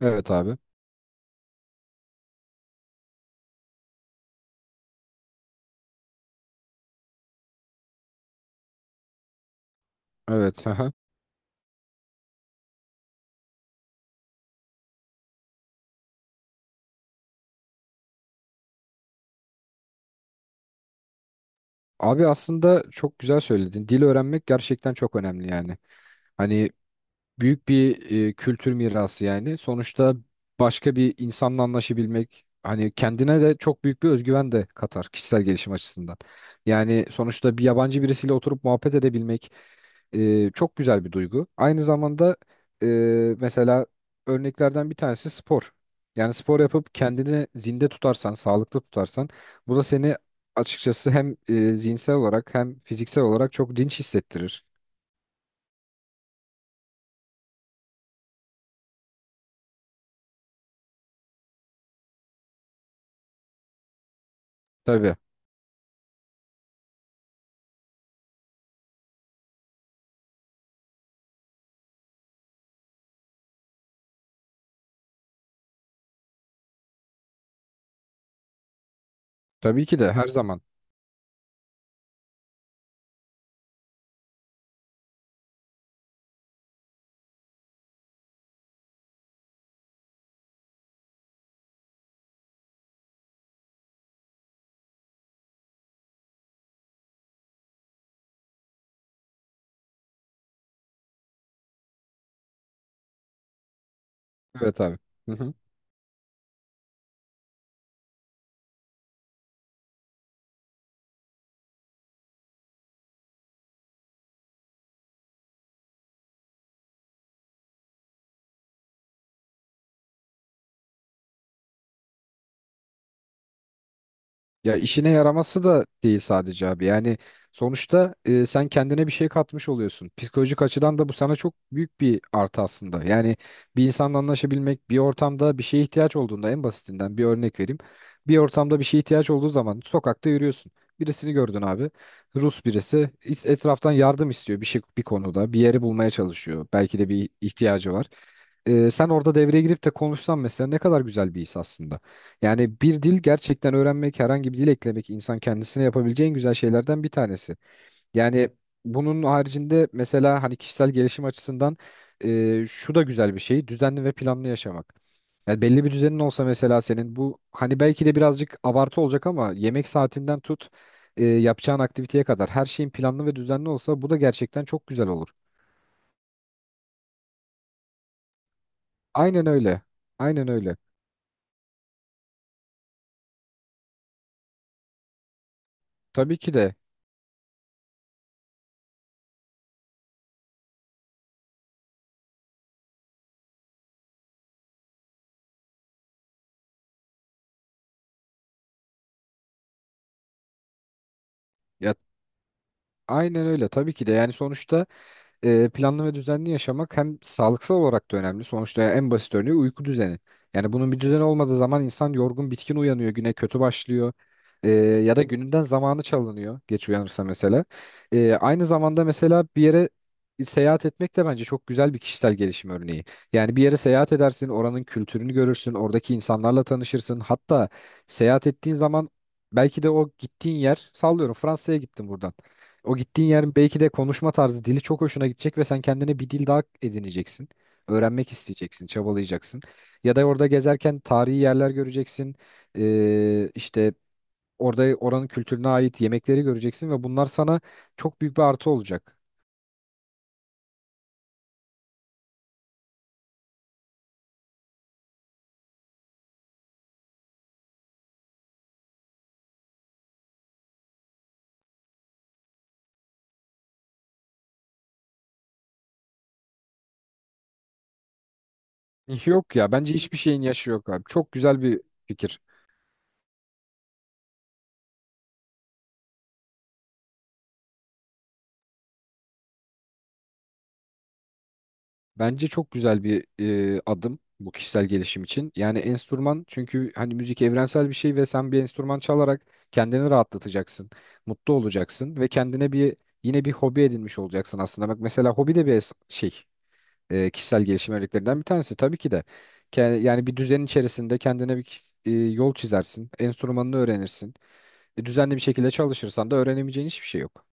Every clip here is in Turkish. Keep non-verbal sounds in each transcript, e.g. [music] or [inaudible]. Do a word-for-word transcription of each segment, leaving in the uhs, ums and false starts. Evet abi. Evet. Aha. Abi aslında çok güzel söyledin. Dil öğrenmek gerçekten çok önemli yani. Hani büyük bir e, kültür mirası yani. Sonuçta başka bir insanla anlaşabilmek hani kendine de çok büyük bir özgüven de katar kişisel gelişim açısından. Yani sonuçta bir yabancı birisiyle oturup muhabbet edebilmek e, çok güzel bir duygu. Aynı zamanda e, mesela örneklerden bir tanesi spor. Yani spor yapıp kendini zinde tutarsan, sağlıklı tutarsan bu da seni açıkçası hem e, zihinsel olarak hem fiziksel olarak çok dinç hissettirir. Tabii. Tabii ki de her zaman. Evet abi. Hı hı. Ya işine yaraması da değil sadece abi. Yani sonuçta e, sen kendine bir şey katmış oluyorsun. Psikolojik açıdan da bu sana çok büyük bir artı aslında. Yani bir insanla anlaşabilmek, bir ortamda bir şeye ihtiyaç olduğunda en basitinden bir örnek vereyim. Bir ortamda bir şeye ihtiyaç olduğu zaman sokakta yürüyorsun. Birisini gördün abi. Rus birisi is- etraftan yardım istiyor bir şey bir konuda. Bir yeri bulmaya çalışıyor. Belki de bir ihtiyacı var. E, sen orada devreye girip de konuşsan mesela ne kadar güzel bir his aslında. Yani bir dil gerçekten öğrenmek, herhangi bir dil eklemek insan kendisine yapabileceği en güzel şeylerden bir tanesi. Yani bunun haricinde mesela hani kişisel gelişim açısından e, şu da güzel bir şey, düzenli ve planlı yaşamak. Yani belli bir düzenin olsa mesela senin bu hani belki de birazcık abartı olacak ama yemek saatinden tut e, yapacağın aktiviteye kadar her şeyin planlı ve düzenli olsa bu da gerçekten çok güzel olur. Aynen öyle. Aynen öyle. Tabii ki de. Ya aynen öyle. Tabii ki de. Yani sonuçta e, planlı ve düzenli yaşamak hem sağlıksal olarak da önemli. Sonuçta en basit örneği uyku düzeni. Yani bunun bir düzeni olmadığı zaman insan yorgun, bitkin uyanıyor, güne kötü başlıyor. E, ya da gününden zamanı çalınıyor geç uyanırsa mesela. E, aynı zamanda mesela bir yere seyahat etmek de bence çok güzel bir kişisel gelişim örneği. Yani bir yere seyahat edersin, oranın kültürünü görürsün, oradaki insanlarla tanışırsın. Hatta seyahat ettiğin zaman belki de o gittiğin yer, sallıyorum Fransa'ya gittim buradan. O gittiğin yerin belki de konuşma tarzı, dili çok hoşuna gidecek ve sen kendine bir dil daha edineceksin. Öğrenmek isteyeceksin, çabalayacaksın. Ya da orada gezerken tarihi yerler göreceksin. Ee, işte orada oranın kültürüne ait yemekleri göreceksin ve bunlar sana çok büyük bir artı olacak. [laughs] Yok ya bence hiçbir şeyin yaşı yok abi. Çok güzel bir fikir. Bence çok güzel bir e, adım bu kişisel gelişim için. Yani enstrüman çünkü hani müzik evrensel bir şey ve sen bir enstrüman çalarak kendini rahatlatacaksın, mutlu olacaksın ve kendine bir yine bir hobi edinmiş olacaksın aslında. Bak mesela hobi de bir es- şey e, kişisel gelişim örneklerinden bir tanesi tabii ki de. Ke- Yani bir düzenin içerisinde kendine bir e, yol çizersin, enstrümanını öğrenirsin. E, düzenli bir şekilde çalışırsan da öğrenemeyeceğin hiçbir şey yok.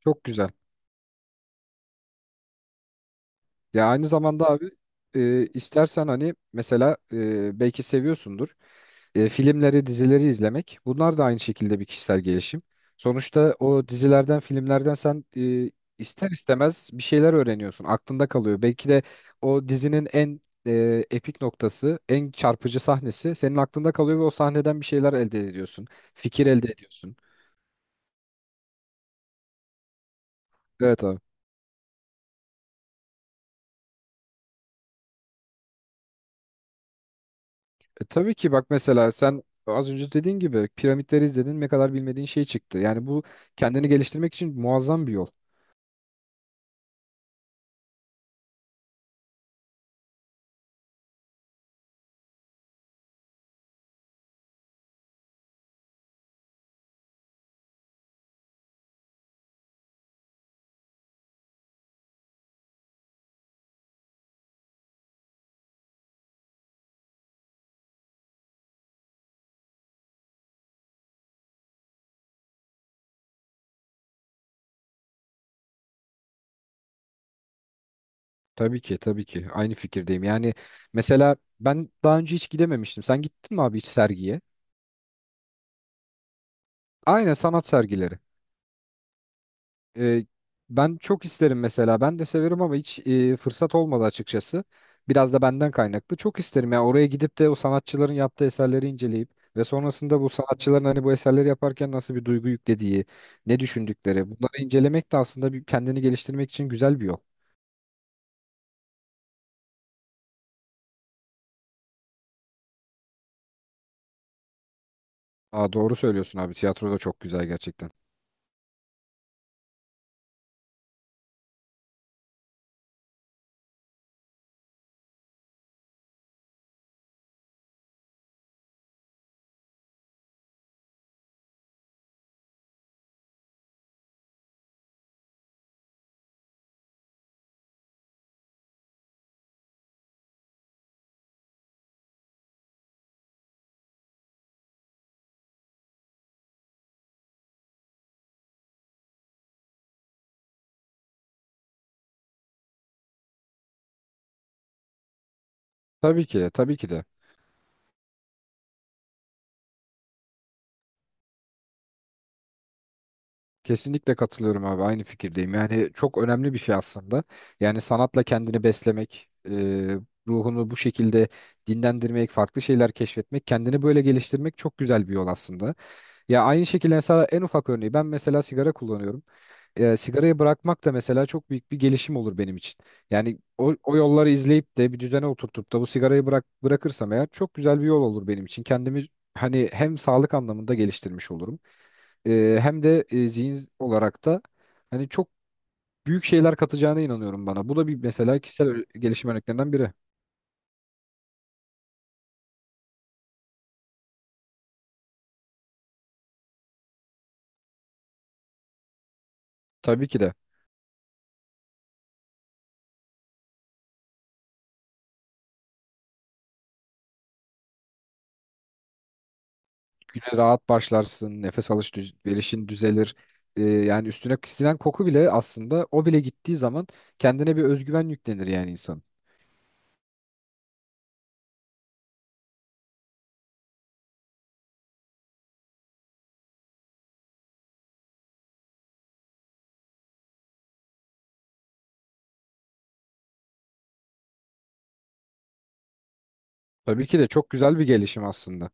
Çok güzel. Ya aynı zamanda abi e, istersen hani mesela e, belki seviyorsundur e, filmleri, dizileri izlemek. Bunlar da aynı şekilde bir kişisel gelişim. Sonuçta o dizilerden, filmlerden sen e, ister istemez bir şeyler öğreniyorsun. Aklında kalıyor. Belki de o dizinin en e, epik noktası, en çarpıcı sahnesi senin aklında kalıyor ve o sahneden bir şeyler elde ediyorsun. Fikir elde ediyorsun. Evet. E, tabii ki bak mesela sen az önce dediğin gibi piramitleri izledin ne kadar bilmediğin şey çıktı. Yani bu kendini geliştirmek için muazzam bir yol. Tabii ki, tabii ki aynı fikirdeyim. Yani mesela ben daha önce hiç gidememiştim. Sen gittin mi abi hiç sergiye? Aynen sanat sergileri. E, Ben çok isterim mesela. Ben de severim ama hiç e, fırsat olmadı açıkçası. Biraz da benden kaynaklı. Çok isterim ya oraya gidip de o sanatçıların yaptığı eserleri inceleyip ve sonrasında bu sanatçıların hani bu eserleri yaparken nasıl bir duygu yüklediği, ne düşündükleri. Bunları incelemek de aslında bir, kendini geliştirmek için güzel bir yol. Aa, doğru söylüyorsun abi. Tiyatro da çok güzel gerçekten. Tabii ki, tabii ki de. Kesinlikle katılıyorum abi aynı fikirdeyim. Yani çok önemli bir şey aslında. Yani sanatla kendini beslemek, e, ruhunu bu şekilde dinlendirmek, farklı şeyler keşfetmek, kendini böyle geliştirmek çok güzel bir yol aslında. Ya aynı şekilde mesela en ufak örneği ben mesela sigara kullanıyorum. E, sigarayı bırakmak da mesela çok büyük bir gelişim olur benim için. Yani o, o yolları izleyip de bir düzene oturtup da bu sigarayı bırak bırakırsam eğer çok güzel bir yol olur benim için. Kendimi hani hem sağlık anlamında geliştirmiş olurum. Ee, hem de e, zihin olarak da hani çok büyük şeyler katacağına inanıyorum bana. Bu da bir mesela kişisel ö- gelişim örneklerinden biri. Tabii ki de güne rahat başlarsın, nefes alışverişin düzelir. Ee, yani üstüne sinen koku bile aslında o bile gittiği zaman kendine bir özgüven yüklenir yani insan. Tabii ki de çok güzel bir gelişim aslında.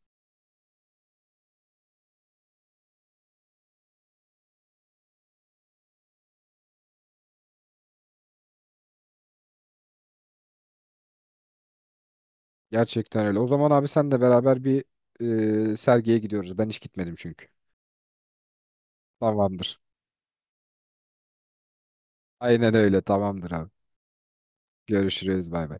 Gerçekten öyle. O zaman abi sen de beraber bir e, sergiye gidiyoruz. Ben hiç gitmedim çünkü. Tamamdır. Aynen öyle. Tamamdır abi. Görüşürüz. Bay bay.